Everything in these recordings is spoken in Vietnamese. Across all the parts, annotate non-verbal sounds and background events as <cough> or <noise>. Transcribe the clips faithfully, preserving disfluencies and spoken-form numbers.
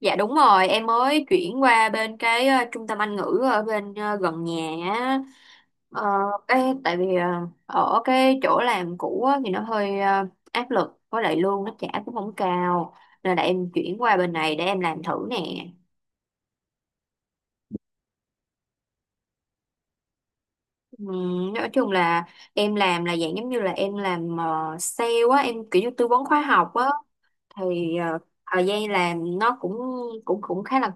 Dạ đúng rồi, em mới chuyển qua bên cái ờ, trung tâm Anh ngữ ở bên ờ, gần nhà á. Ờ, cái tại vì ờ, ở cái chỗ làm cũ á, thì nó hơi ờ, áp lực với lại lương nó trả cũng không cao nên là em chuyển qua bên này để em làm thử nè. Ừm, nói chung là em làm là dạng giống như là em làm ờ, sale á, em kiểu như tư vấn khóa học á thì ờ, thời gian làm nó cũng cũng cũng khá là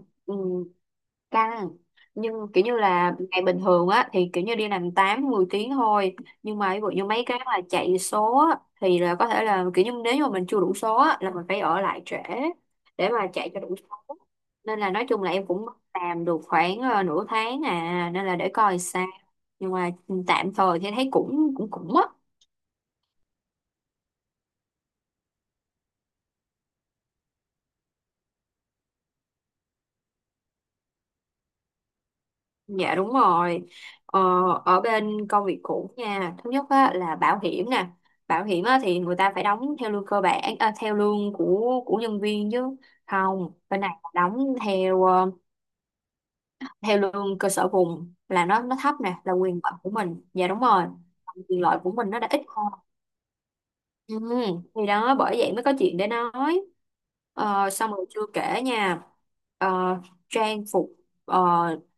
căng, nhưng kiểu như là ngày bình thường á thì kiểu như đi làm tám mười tiếng thôi. Nhưng mà ví dụ như mấy cái mà chạy số á, thì là có thể là kiểu như nếu như mà mình chưa đủ số á, là mình phải ở lại trễ để mà chạy cho đủ số. Nên là nói chung là em cũng làm được khoảng ờ, nửa tháng à, nên là để coi sao, nhưng mà ừ, tạm thời thì thấy cũng cũng cũng á. Dạ đúng rồi. Ờ, ở bên công việc cũ nha, thứ nhất á, là bảo hiểm nè. Bảo hiểm á, thì người ta phải đóng theo lương cơ bản, à, theo lương của của nhân viên chứ. Không, bên này là đóng theo ờ, theo lương cơ sở vùng, là nó nó thấp nè, là quyền lợi của mình. Dạ đúng rồi. Quyền lợi của mình nó đã ít hơn. Ừ, thì đó, bởi vậy mới có chuyện để nói. Ờ, xong rồi chưa kể nha, ờ, trang phục, ờ,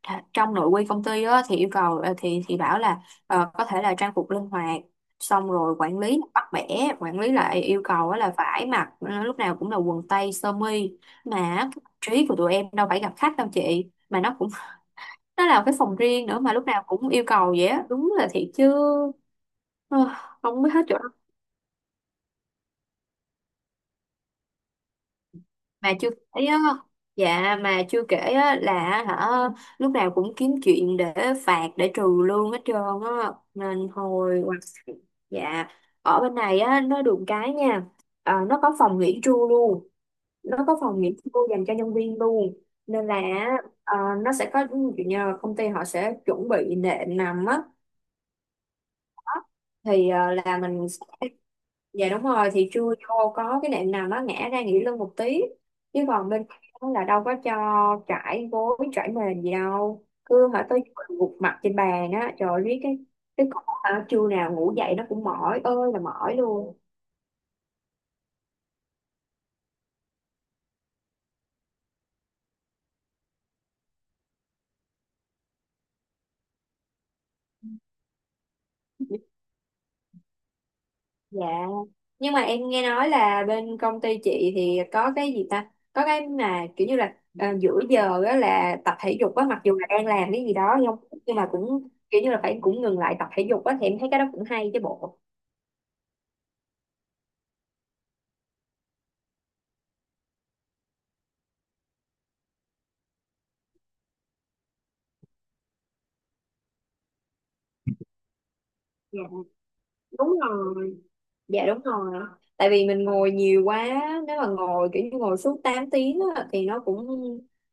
th- trong nội quy công ty á, thì yêu cầu ờ, thì thì bảo là ờ, có thể là trang phục linh hoạt, xong rồi quản lý bắt bẻ, quản lý lại yêu cầu á là phải mặc ờ, lúc nào cũng là quần tây sơ mi, mà cái mặt trí của tụi em đâu phải gặp khách đâu chị mà nó cũng <laughs> nó là cái phòng riêng nữa mà lúc nào cũng yêu cầu vậy á, đúng là thiệt chứ. ờ, Không biết hết chỗ. Mà chưa kể á, dạ mà chưa kể á là hả, lúc nào cũng kiếm chuyện để phạt, để trừ lương hết trơn á. Nên hồi, dạ, ở bên này á nó được cái nha. Ờ, nó có phòng nghỉ trưa luôn, nó có phòng nghỉ trưa dành cho nhân viên luôn. Nên là ờ, nó sẽ có, ví dụ như là công ty họ sẽ chuẩn bị nệm nằm á, thì ờ, là mình sẽ, dạ đúng rồi, thì trưa vô có cái nệm nào nó ngã ra nghỉ lưng một tí. Chứ còn bên đó là đâu có cho trải gối trải mền gì đâu, cứ hả tới chiều gục mặt trên bàn á, trời ơi, biết cái cái con hả, trưa nào ngủ dậy nó cũng mỏi ơi là mỏi luôn. Dạ, nhưng mà em nghe nói là bên công ty chị thì có cái gì ta, có cái mà kiểu như là à, giữa giờ á là tập thể dục á, mặc dù là đang làm cái gì đó nhưng nhưng mà cũng kiểu như là phải cũng ngừng lại tập thể dục á, thì em thấy cái đó cũng hay chứ bộ. Dạ, đúng rồi, dạ đúng rồi, tại vì mình ngồi nhiều quá, nếu mà ngồi kiểu như ngồi suốt tám tiếng á, thì nó cũng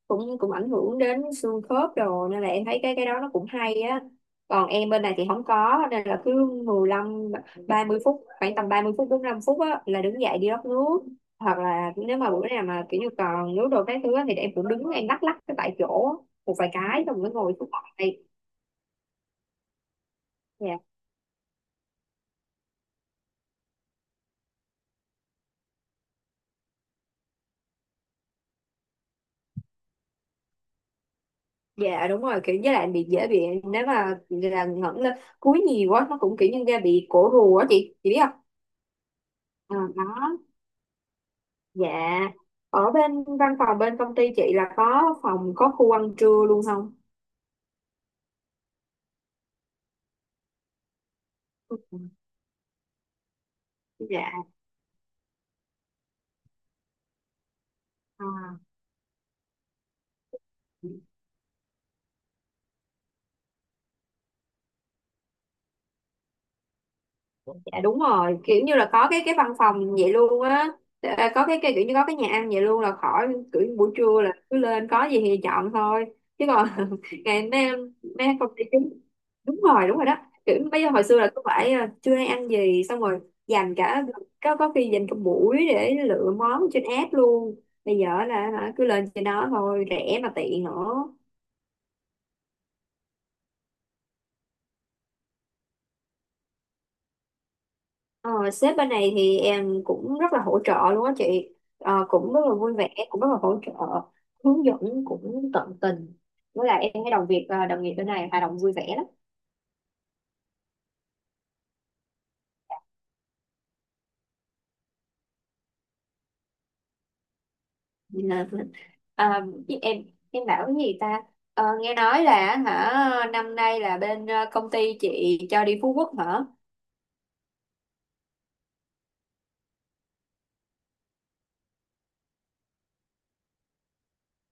cũng cũng ảnh hưởng đến xương khớp rồi, nên là em thấy cái cái đó nó cũng hay á. Còn em bên này thì không có, nên là cứ mười lăm, ba mươi phút, khoảng tầm ba mươi phút bốn mươi lăm phút á, là đứng dậy đi rót nước, hoặc là nếu mà bữa nào mà kiểu như còn nước đồ cái thứ á, thì em cũng đứng em lắc lắc cái tại chỗ á, một vài cái xong mới ngồi xuống lại. Dạ, dạ đúng rồi, kiểu với lại bị, dễ bị, nếu mà là ngẩng lên cúi nhiều quá nó cũng kiểu như da bị cổ rùa á chị chị biết không? À, đó. Dạ, ở bên văn phòng bên công ty chị là có phòng, có khu ăn trưa luôn không? Dạ, à, dạ đúng rồi, kiểu như là có cái cái văn phòng vậy luôn á. À, có cái, cái kiểu như có cái nhà ăn vậy luôn, là khỏi kiểu như buổi trưa là cứ lên có gì thì chọn thôi, chứ còn <laughs> ngày mấy em, mấy em công ty chính- đúng rồi đúng rồi đó, kiểu bây giờ, hồi xưa là cứ phải à, trưa nay ăn gì, xong rồi dành cả, có có khi dành cả buổi để lựa món trên app luôn, bây giờ là hả, cứ lên trên đó thôi, rẻ mà tiện nữa. Ờ, sếp bên này thì em cũng rất là hỗ trợ luôn á chị. Ờ, cũng rất là vui vẻ, cũng rất là hỗ trợ, hướng dẫn cũng tận tình. Với lại em thấy đồng việc ờ, đồng nghiệp bên này hoạt động vui vẻ lắm. <laughs> Nên là, ờ, chứ em em bảo cái gì ta. Ờ, nghe nói là hả, năm nay là bên ờ, công ty chị cho đi Phú Quốc hả.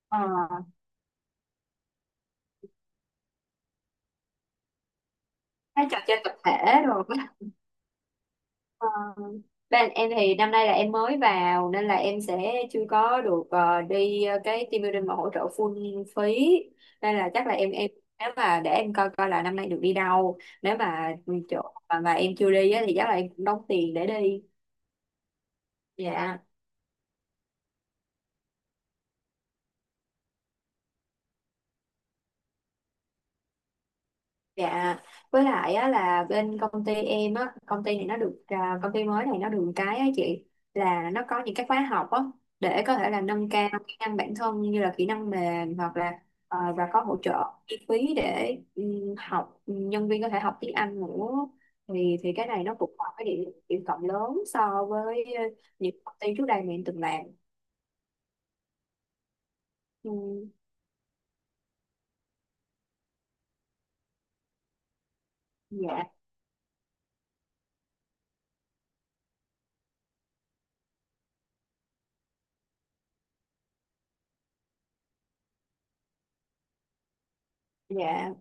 Ờ, cái trò chơi tập thể rồi. Ờ, bên em thì năm nay là em mới vào, nên là em sẽ chưa có được ờ, đi ờ, cái team building mà hỗ trợ full phí, nên là chắc là em em nếu mà, để em coi coi là năm nay được đi đâu, nếu mà chỗ mà, mà em chưa đi á, thì chắc là em cũng đóng tiền để đi. Dạ. Dạ, với lại á, là bên công ty em á, công ty này nó được à, công ty mới này nó được cái á chị, là nó có những cái khóa học á để có thể là nâng cao kỹ năng bản thân, như là kỹ năng mềm hoặc là ờ, và có hỗ trợ chi phí để ừm, học, nhân viên có thể học tiếng Anh nữa. Thì thì cái này nó cũng là cái điểm điểm cộng lớn so với ờ, những công ty trước đây mà em từng làm. Ừm, dạ, dạ.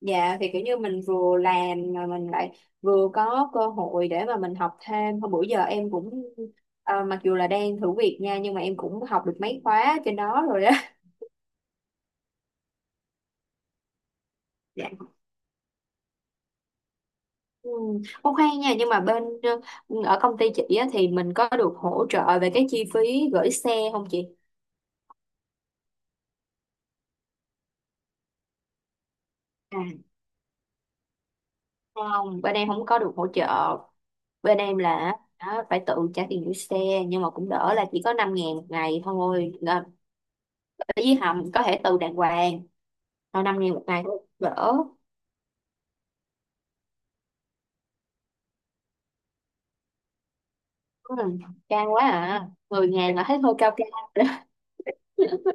Dạ thì kiểu như mình vừa làm mà mình lại vừa có cơ hội để mà mình học thêm. Hôm bữa giờ em cũng ờ, mặc dù là đang thử việc nha, nhưng mà em cũng học được mấy khóa trên đó rồi đó. <laughs> Dạ. Ừ. Ô khoan nha, nhưng mà bên ờ, ở công ty chị á, thì mình có được hỗ trợ về cái chi phí gửi xe không chị? À, không, bên em không có được hỗ trợ. Bên em là á, phải tự trả tiền gửi xe, nhưng mà cũng đỡ là chỉ có năm ngàn một ngày thôi. Với hầm có thể từ đàng hoàng, thôi năm ngàn một ngày thôi đỡ. Ừ, cao quá à, mười ngàn là thấy hơi cao cao rồi đó. <laughs>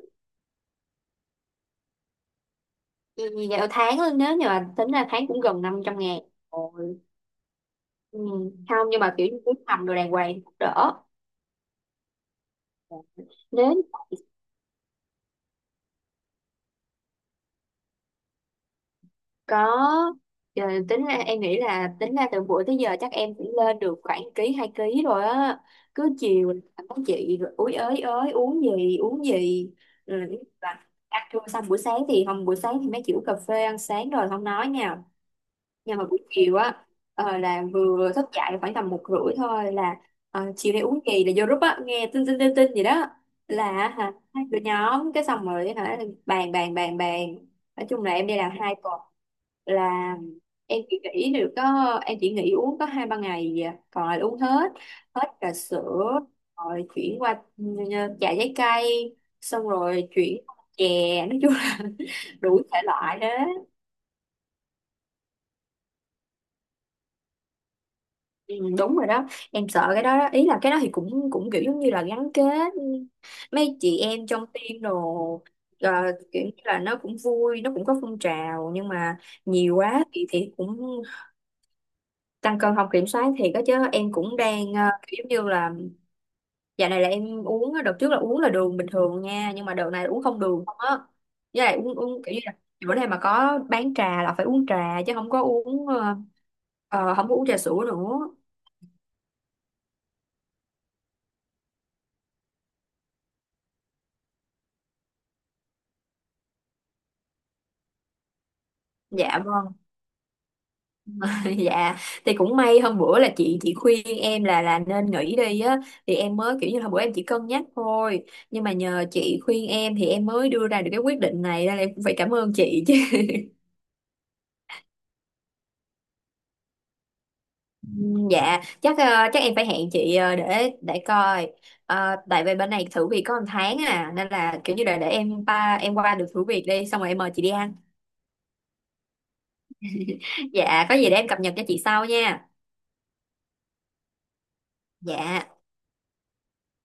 Vì dạo tháng luôn, nếu như mà tính ra tháng cũng gần năm trăm ngàn. Ôi. Ừ. Không, nhưng mà kiểu như cứ hầm đồ đàng hoàng thì cũng đỡ, nếu có. Ờ, tính ra em nghĩ là tính ra từ bữa tới giờ chắc em cũng lên được khoảng ký, hai ký rồi á, cứ chiều làm có chị rồi úi ới ới, uống gì uống gì. Ừ, và ăn trưa xong, buổi sáng thì hôm buổi sáng thì mấy kiểu cà phê ăn sáng rồi không nói nha, nhưng mà buổi chiều á, ờ, là vừa thức dậy khoảng tầm một rưỡi thôi là ờ, chiều nay uống kỳ là vô group á, nghe tin tin tin tin gì đó, là hả hai đứa nhóm cái xong rồi hả, bàn bàn bàn bàn, nói chung là em đi làm hai tuần là em chỉ nghỉ được có, em chỉ nghỉ uống có hai ba ngày gì à. Còn lại uống hết, hết trà sữa rồi chuyển qua ừ, trà trái cây, xong rồi chuyển qua chè, nói chung là <laughs> đủ thể loại đó. Ừ, đúng rồi đó, em sợ cái đó, đó ý là cái đó thì cũng cũng kiểu giống như là gắn kết mấy chị em trong team đồ, ờ, kiểu như là nó cũng vui, nó cũng có phong trào, nhưng mà nhiều quá thì thì cũng tăng cân không kiểm soát thì có, chứ em cũng đang ờ, kiểu giống như là, dạo này là em uống á, đợt trước là uống là đường bình thường nha, nhưng mà đợt này là uống không đường không á, với lại uống uống kiểu như là bữa nay mà có bán trà là phải uống trà chứ không có uống ờ, ờ, không có uống trà sữa nữa. Dạ vâng. <laughs> Dạ, thì cũng may hôm bữa là chị chị khuyên em là là nên nghỉ đi á, thì em mới kiểu như là bữa em chỉ cân nhắc thôi, nhưng mà nhờ chị khuyên em thì em mới đưa ra được cái quyết định này, nên là em cũng phải cảm ơn chị chứ. <laughs> Ừ, dạ chắc ờ, chắc em phải hẹn chị ờ, để để coi. Ờ, tại vì bên này thử việc có một tháng à, nên là kiểu như là để em ba, em qua được thử việc đi xong rồi em mời chị đi ăn. <laughs> Dạ, có gì để em cập nhật cho chị sau nha. Dạ.